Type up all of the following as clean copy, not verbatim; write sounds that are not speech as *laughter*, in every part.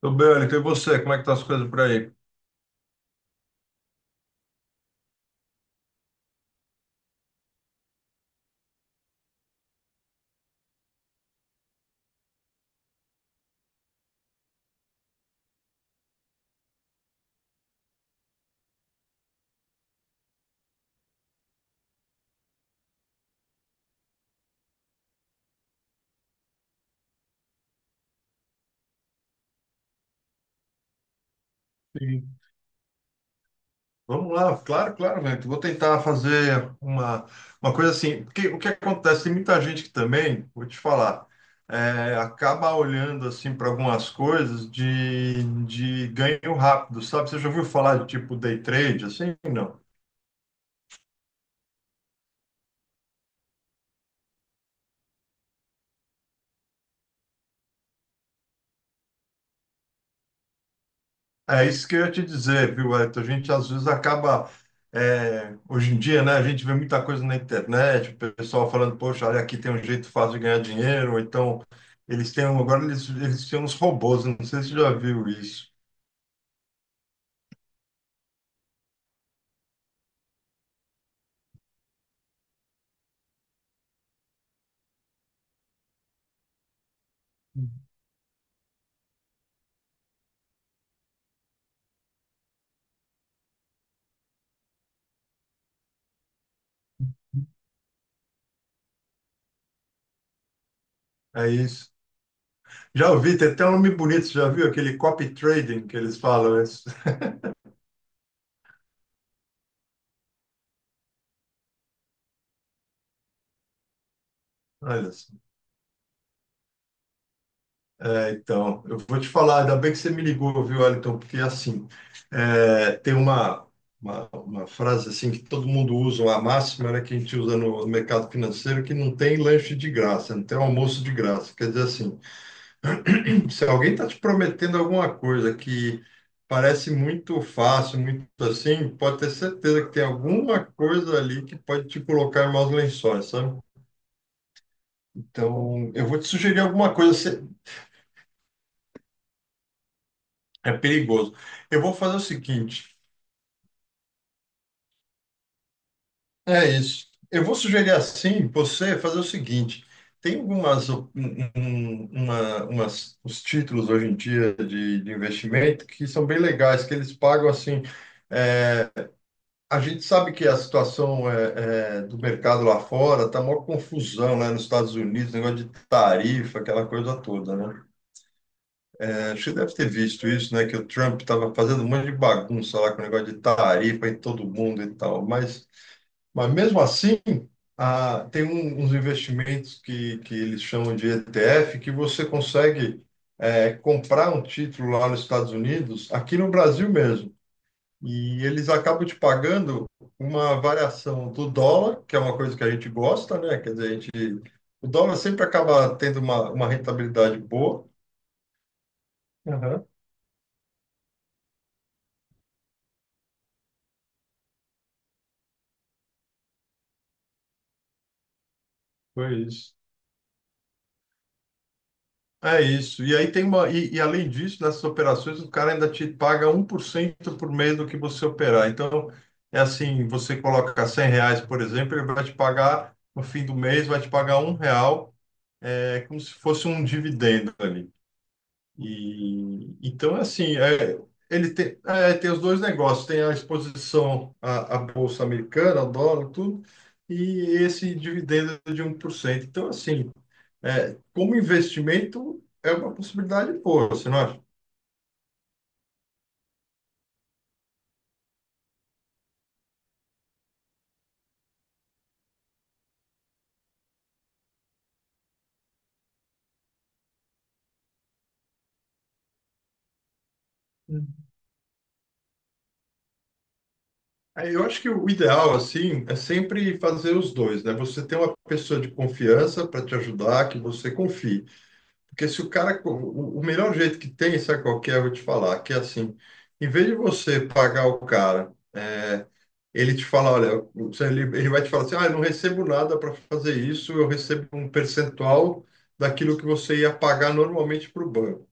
Tudo bem, Wellington, e você? Como é que tá as coisas por aí? Sim. Vamos lá, claro, claro, Wellington. Vou tentar fazer uma coisa assim, porque o que acontece, tem muita gente que também, vou te falar, acaba olhando assim para algumas coisas de ganho rápido, sabe? Você já ouviu falar de tipo day trade, assim? Não. É isso que eu ia te dizer, viu, Elton? A gente às vezes acaba, hoje em dia, né? A gente vê muita coisa na internet, o pessoal falando, poxa, olha, aqui tem um jeito fácil de ganhar dinheiro, ou então eles têm, agora eles têm uns robôs, não sei se você já viu isso. É isso. Já ouvi, tem até um nome bonito, você já viu aquele copy trading que eles falam? Isso. *laughs* Olha só. É, então, eu vou te falar, ainda bem que você me ligou, viu, Wellington? Porque assim, é, tem uma frase assim que todo mundo usa, uma máxima, né, que a gente usa no mercado financeiro, que não tem lanche de graça, não tem almoço de graça. Quer dizer assim, se alguém está te prometendo alguma coisa que parece muito fácil, muito assim, pode ter certeza que tem alguma coisa ali que pode te colocar em maus lençóis, sabe? Então, eu vou te sugerir alguma coisa, é perigoso. Eu vou fazer o seguinte. É isso. Eu vou sugerir assim, você fazer o seguinte: tem algumas, um- uma, umas, os títulos hoje em dia de investimento que são bem legais, que eles pagam assim. A gente sabe que a situação do mercado lá fora tá maior confusão, né? Nos Estados Unidos, negócio de tarifa, aquela coisa toda, né? É, acho que você deve ter visto isso, né? Que o Trump estava fazendo um monte de bagunça lá com o negócio de tarifa em todo mundo e tal, mas mesmo assim, ah, tem uns investimentos que eles chamam de ETF, que você consegue comprar um título lá nos Estados Unidos, aqui no Brasil mesmo. E eles acabam te pagando uma variação do dólar, que é uma coisa que a gente gosta, né? Quer dizer, a gente, o dólar sempre acaba tendo uma rentabilidade boa. Aham. Foi isso. É isso. E aí tem uma. E além disso, nessas operações, o cara ainda te paga 1% por mês do que você operar. Então, é assim, você coloca R$ 100, por exemplo, ele vai te pagar, no fim do mês, vai te pagar R$ 1, é como se fosse um dividendo ali. E, então, assim, ele tem os dois negócios, tem a exposição à Bolsa Americana, ao dólar, tudo, e esse dividendo de 1%. Então, assim, é, como investimento, é uma possibilidade boa, você não acha? Hum. Eu acho que o ideal, assim, é sempre fazer os dois, né? Você tem uma pessoa de confiança para te ajudar, que você confie. Porque se o cara. O melhor jeito que tem, sabe qual que é? Eu vou te falar, que é assim, em vez de você pagar o cara, ele te fala, olha, você- ele vai te falar assim, ah, eu não recebo nada para fazer isso, eu recebo um percentual daquilo que você ia pagar normalmente para o banco.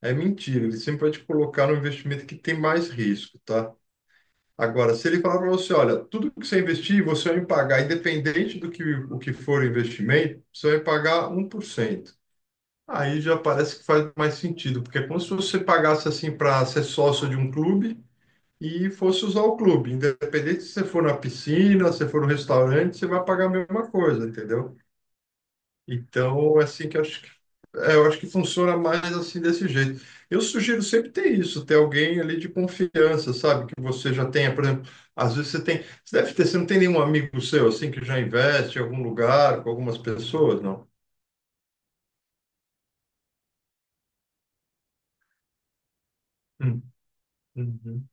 É mentira, ele sempre vai te colocar no investimento que tem mais risco, tá? Agora, se ele falar para você, olha, tudo que você investir, você vai me pagar, independente o que for o investimento, você vai me pagar 1%. Aí já parece que faz mais sentido, porque é como se você pagasse assim para ser sócio de um clube e fosse usar o clube. Independente se você for na piscina, se for no restaurante, você vai pagar a mesma coisa, entendeu? Então, é assim que eu acho que, eu acho que funciona mais assim desse jeito. Eu sugiro sempre ter isso, ter alguém ali de confiança, sabe? Que você já tenha, por exemplo, às vezes você deve ter, você não tem nenhum amigo seu assim que já investe em algum lugar com algumas pessoas, não? Hum. Uhum.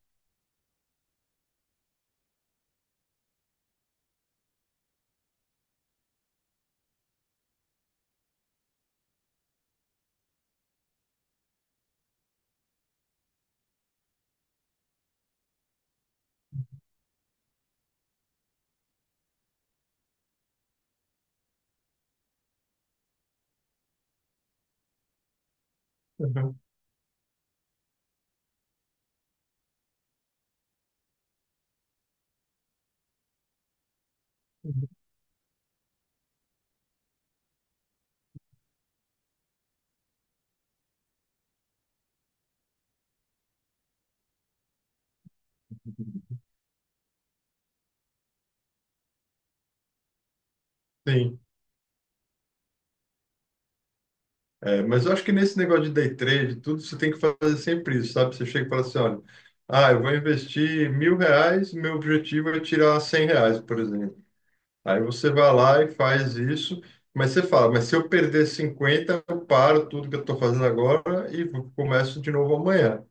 Uhum. Uhum. Sim. É, mas eu acho que nesse negócio de day trade, tudo você tem que fazer sempre isso, sabe? Você chega e fala assim, olha, ah, eu vou investir R$ 1.000, meu objetivo é tirar R$ 100, por exemplo. Aí você vai lá e faz isso, mas você fala, mas se eu perder 50, eu paro tudo que eu estou fazendo agora e começo de novo amanhã.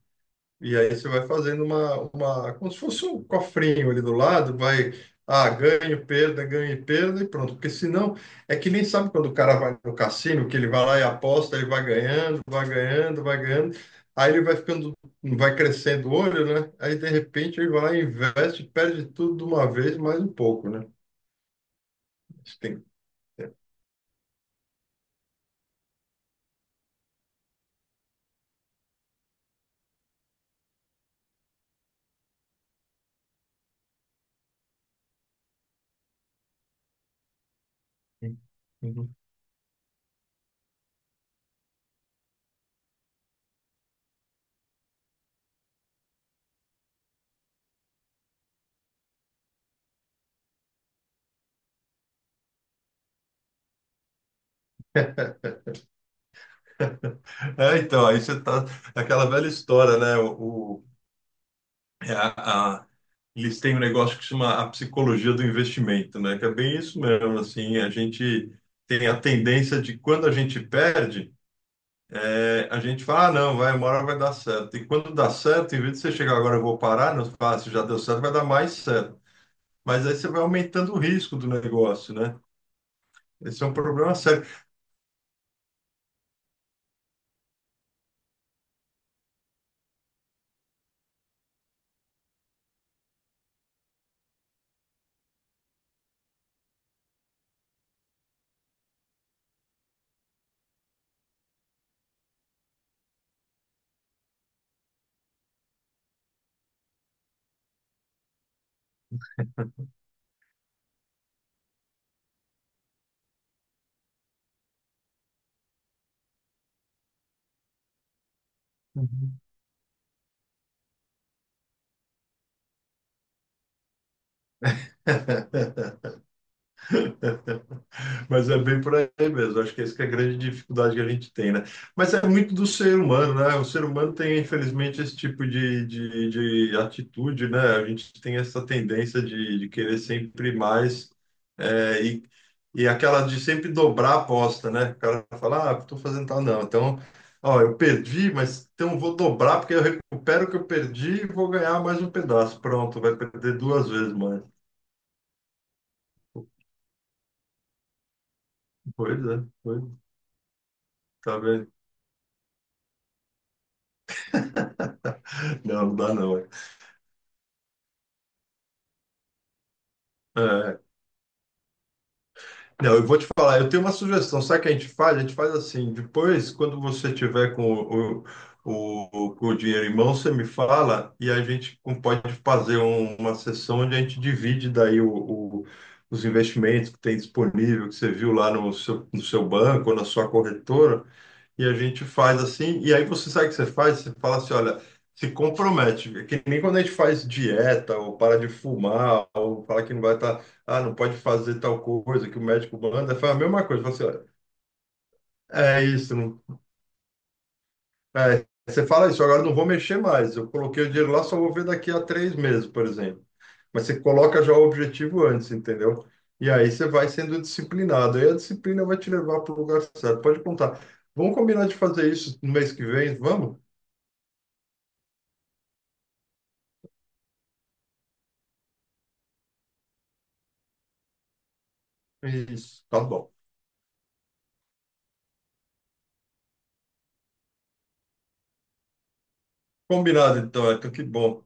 E aí você vai fazendo como se fosse um cofrinho ali do lado, vai, ah, ganho, perda, ganho e perda e pronto. Porque senão, é que nem sabe quando o cara vai no cassino, que ele vai lá e aposta, ele vai ganhando, vai ganhando, vai ganhando. Aí ele vai ficando, vai crescendo o olho, né? Aí de repente ele vai lá e investe, perde tudo de uma vez, mais um pouco, né? Isso tem- *laughs* É, então, aí você tá, é aquela velha história, né? o É a- eles têm um negócio que chama a psicologia do investimento, né? Que é bem isso mesmo, assim, a gente tem a tendência de quando a gente perde, a gente fala, ah, não, vai, uma hora vai dar certo. E quando dá certo, em vez de você chegar agora, eu vou parar, não, você fala, ah, se já deu certo, vai dar mais certo. Mas aí você vai aumentando o risco do negócio, né? Esse é um problema sério. Uhum. *laughs* Mas é bem por aí mesmo. Acho que essa que é a grande dificuldade que a gente tem, né? Mas é muito do ser humano, né? O ser humano tem, infelizmente, esse tipo de atitude, né? A gente tem essa tendência de querer sempre mais é, e, e aquela de sempre dobrar a aposta, né? O cara fala, ah, estou fazendo tal, não. Então, ó, eu perdi, mas então vou dobrar porque eu recupero o que eu perdi e vou ganhar mais um pedaço. Pronto, vai perder duas vezes mais. Pois, é, tá vendo? Não, não dá não. É, é. Não, eu vou te falar, eu tenho uma sugestão. Sabe o que a gente faz? A gente faz assim, depois, quando você tiver com o dinheiro em mão, você me fala e a gente pode fazer uma sessão onde a gente divide daí os investimentos que tem disponível, que você viu lá no seu banco ou na sua corretora, e a gente faz assim, e aí você sabe o que você faz? Você fala assim, olha, se compromete, que nem quando a gente faz dieta ou para de fumar ou fala que não vai estar ah, não pode fazer tal coisa que o médico manda, faz a mesma coisa, fala assim, olha, é isso, você fala isso, agora eu não vou mexer mais, eu coloquei o dinheiro lá, só vou ver daqui a 3 meses, por exemplo. Mas você coloca já o objetivo antes, entendeu? E aí você vai sendo disciplinado, aí a disciplina vai te levar para o lugar certo, pode contar. Vamos combinar de fazer isso no mês que vem, vamos? Isso, tá bom. Combinado então, então que bom.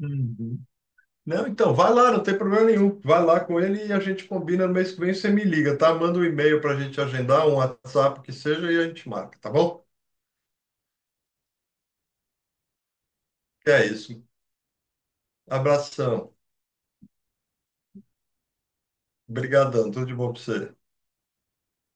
Uhum. Não, então, vai lá, não tem problema nenhum. Vai lá com ele e a gente combina no mês que vem. Você me liga, tá? Manda um e-mail para a gente agendar, um WhatsApp o que seja e a gente marca, tá bom? É isso. Abração. Obrigadão. Tudo de bom para você.